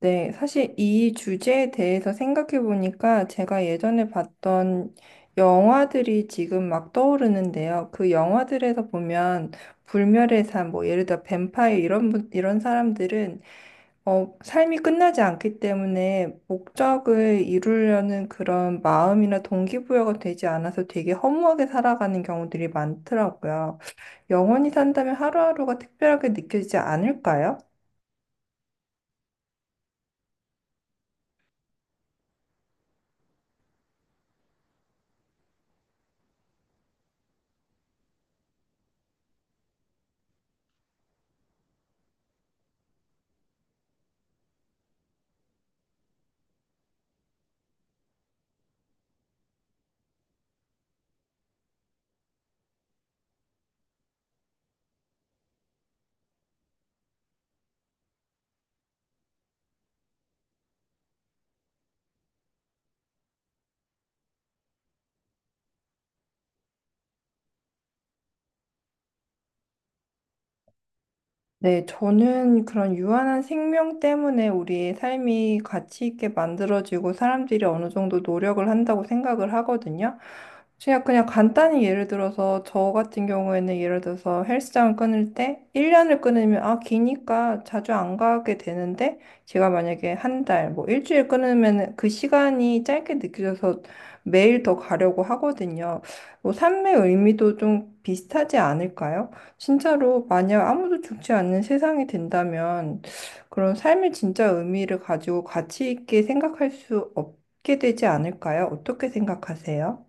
네, 사실 이 주제에 대해서 생각해 보니까 제가 예전에 봤던 영화들이 지금 막 떠오르는데요. 그 영화들에서 보면 불멸의 삶, 뭐 예를 들어 뱀파이어 이런 사람들은 삶이 끝나지 않기 때문에 목적을 이루려는 그런 마음이나 동기부여가 되지 않아서 되게 허무하게 살아가는 경우들이 많더라고요. 영원히 산다면 하루하루가 특별하게 느껴지지 않을까요? 네, 저는 그런 유한한 생명 때문에 우리의 삶이 가치 있게 만들어지고 사람들이 어느 정도 노력을 한다고 생각을 하거든요. 그냥 간단히 예를 들어서 저 같은 경우에는 예를 들어서 헬스장을 끊을 때 1년을 끊으면 아, 기니까 자주 안 가게 되는데 제가 만약에 한 달, 뭐 일주일 끊으면 그 시간이 짧게 느껴져서 매일 더 가려고 하거든요. 뭐 삶의 의미도 좀 비슷하지 않을까요? 진짜로 만약 아무도 죽지 않는 세상이 된다면 그런 삶의 진짜 의미를 가지고 가치 있게 생각할 수 없게 되지 않을까요? 어떻게 생각하세요?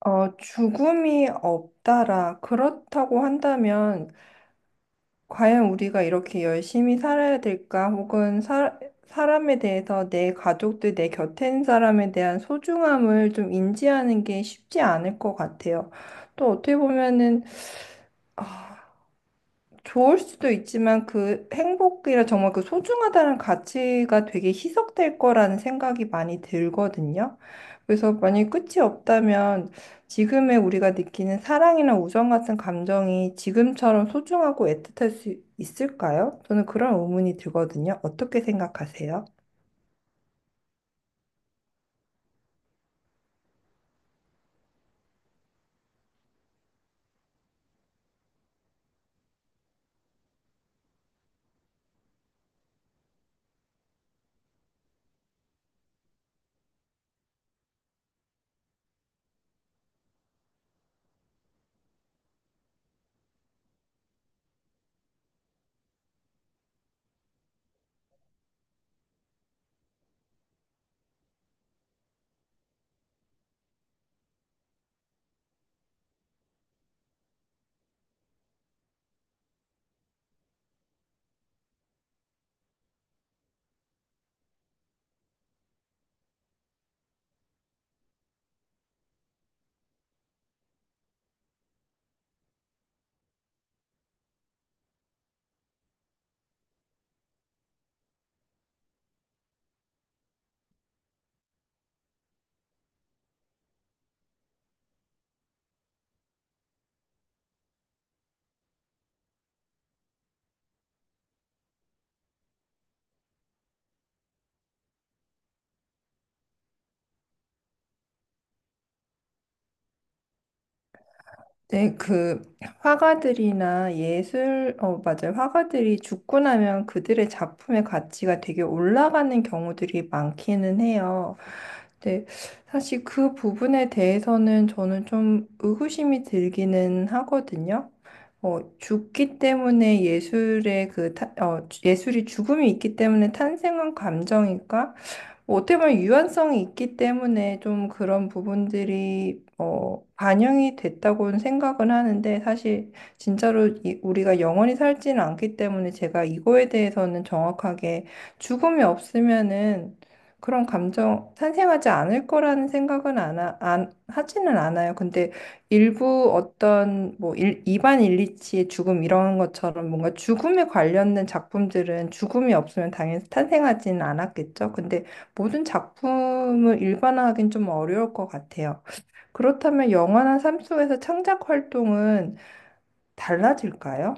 죽음이 없다라 그렇다고 한다면 과연 우리가 이렇게 열심히 살아야 될까? 혹은 사람에 대해서 내 가족들, 내 곁에 있는 사람에 대한 소중함을 좀 인지하는 게 쉽지 않을 것 같아요. 또 어떻게 보면은 아, 좋을 수도 있지만 그 행복이라 정말 그 소중하다는 가치가 되게 희석될 거라는 생각이 많이 들거든요. 그래서 만약에 끝이 없다면 지금의 우리가 느끼는 사랑이나 우정 같은 감정이 지금처럼 소중하고 애틋할 수 있을까요? 저는 그런 의문이 들거든요. 어떻게 생각하세요? 네, 그 화가들이나 예술, 어, 맞아요. 화가들이 죽고 나면 그들의 작품의 가치가 되게 올라가는 경우들이 많기는 해요. 근데 사실 그 부분에 대해서는 저는 좀 의구심이 들기는 하거든요. 죽기 때문에 예술의 그, 타- 어, 예술이 죽음이 있기 때문에 탄생한 감정일까? 뭐 어떻게 보면 유연성이 있기 때문에 좀 그런 부분들이 반영이 됐다고는 생각은 하는데 사실 진짜로 우리가 영원히 살지는 않기 때문에 제가 이거에 대해서는 정확하게 죽음이 없으면은 그런 감정 탄생하지 않을 거라는 생각은 안 하지는 않아요. 근데 일부 어떤 뭐 이반 일리치의 죽음 이런 것처럼 뭔가 죽음에 관련된 작품들은 죽음이 없으면 당연히 탄생하지는 않았겠죠. 근데 모든 작품을 일반화하긴 좀 어려울 것 같아요. 그렇다면 영화나 삶 속에서 창작 활동은 달라질까요?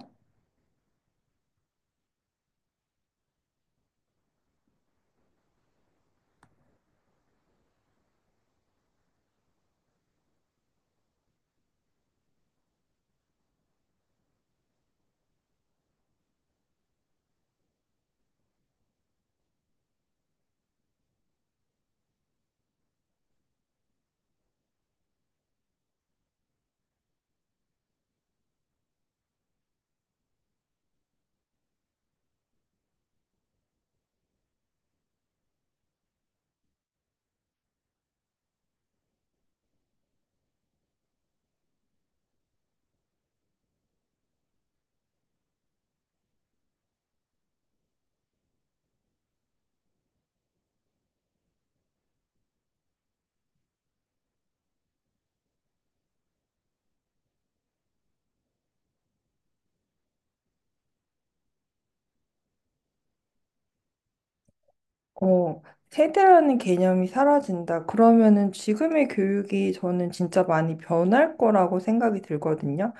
어, 세대라는 개념이 사라진다. 그러면은 지금의 교육이 저는 진짜 많이 변할 거라고 생각이 들거든요.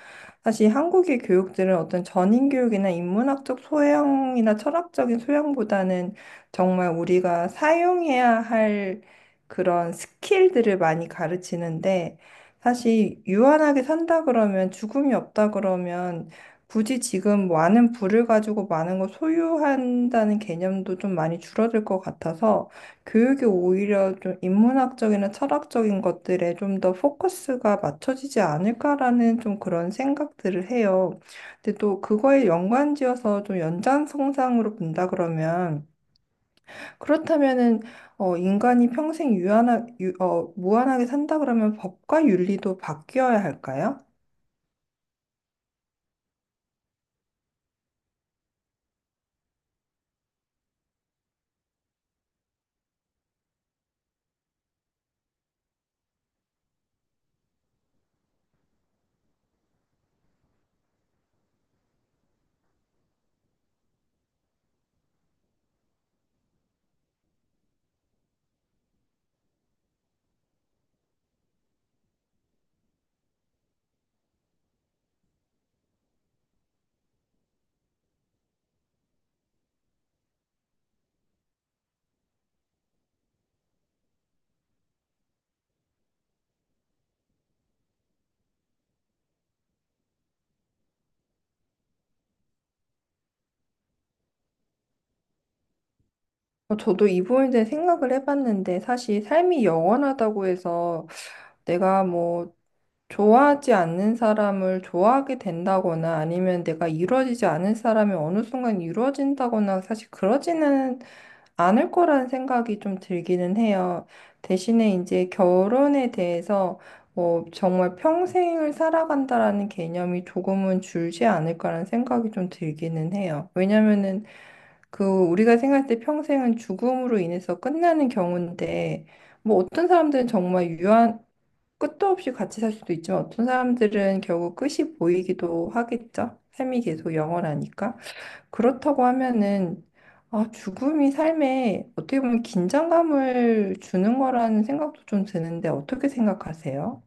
사실 한국의 교육들은 어떤 전인 교육이나 인문학적 소양이나 철학적인 소양보다는 정말 우리가 사용해야 할 그런 스킬들을 많이 가르치는데 사실 유한하게 산다 그러면 죽음이 없다 그러면 굳이 지금 많은 부를 가지고 많은 걸 소유한다는 개념도 좀 많이 줄어들 것 같아서 교육이 오히려 좀 인문학적이나 철학적인 것들에 좀 더 포커스가 맞춰지지 않을까라는 좀 그런 생각들을 해요. 근데 또 그거에 연관지어서 좀 연장선상으로 본다 그러면 그렇다면은 인간이 평생 무한하게 산다 그러면 법과 윤리도 바뀌어야 할까요? 저도 이 부분에 대해 생각을 해봤는데 사실 삶이 영원하다고 해서 내가 뭐 좋아하지 않는 사람을 좋아하게 된다거나 아니면 내가 이루어지지 않은 사람이 어느 순간 이루어진다거나 사실 그러지는 않을 거라는 생각이 좀 들기는 해요. 대신에 이제 결혼에 대해서 뭐 정말 평생을 살아간다라는 개념이 조금은 줄지 않을까라는 생각이 좀 들기는 해요. 왜냐면은 그 우리가 생각할 때 평생은 죽음으로 인해서 끝나는 경우인데 뭐 어떤 사람들은 정말 유한 끝도 없이 같이 살 수도 있지만 어떤 사람들은 결국 끝이 보이기도 하겠죠. 삶이 계속 영원하니까. 그렇다고 하면은 아, 죽음이 삶에 어떻게 보면 긴장감을 주는 거라는 생각도 좀 드는데 어떻게 생각하세요?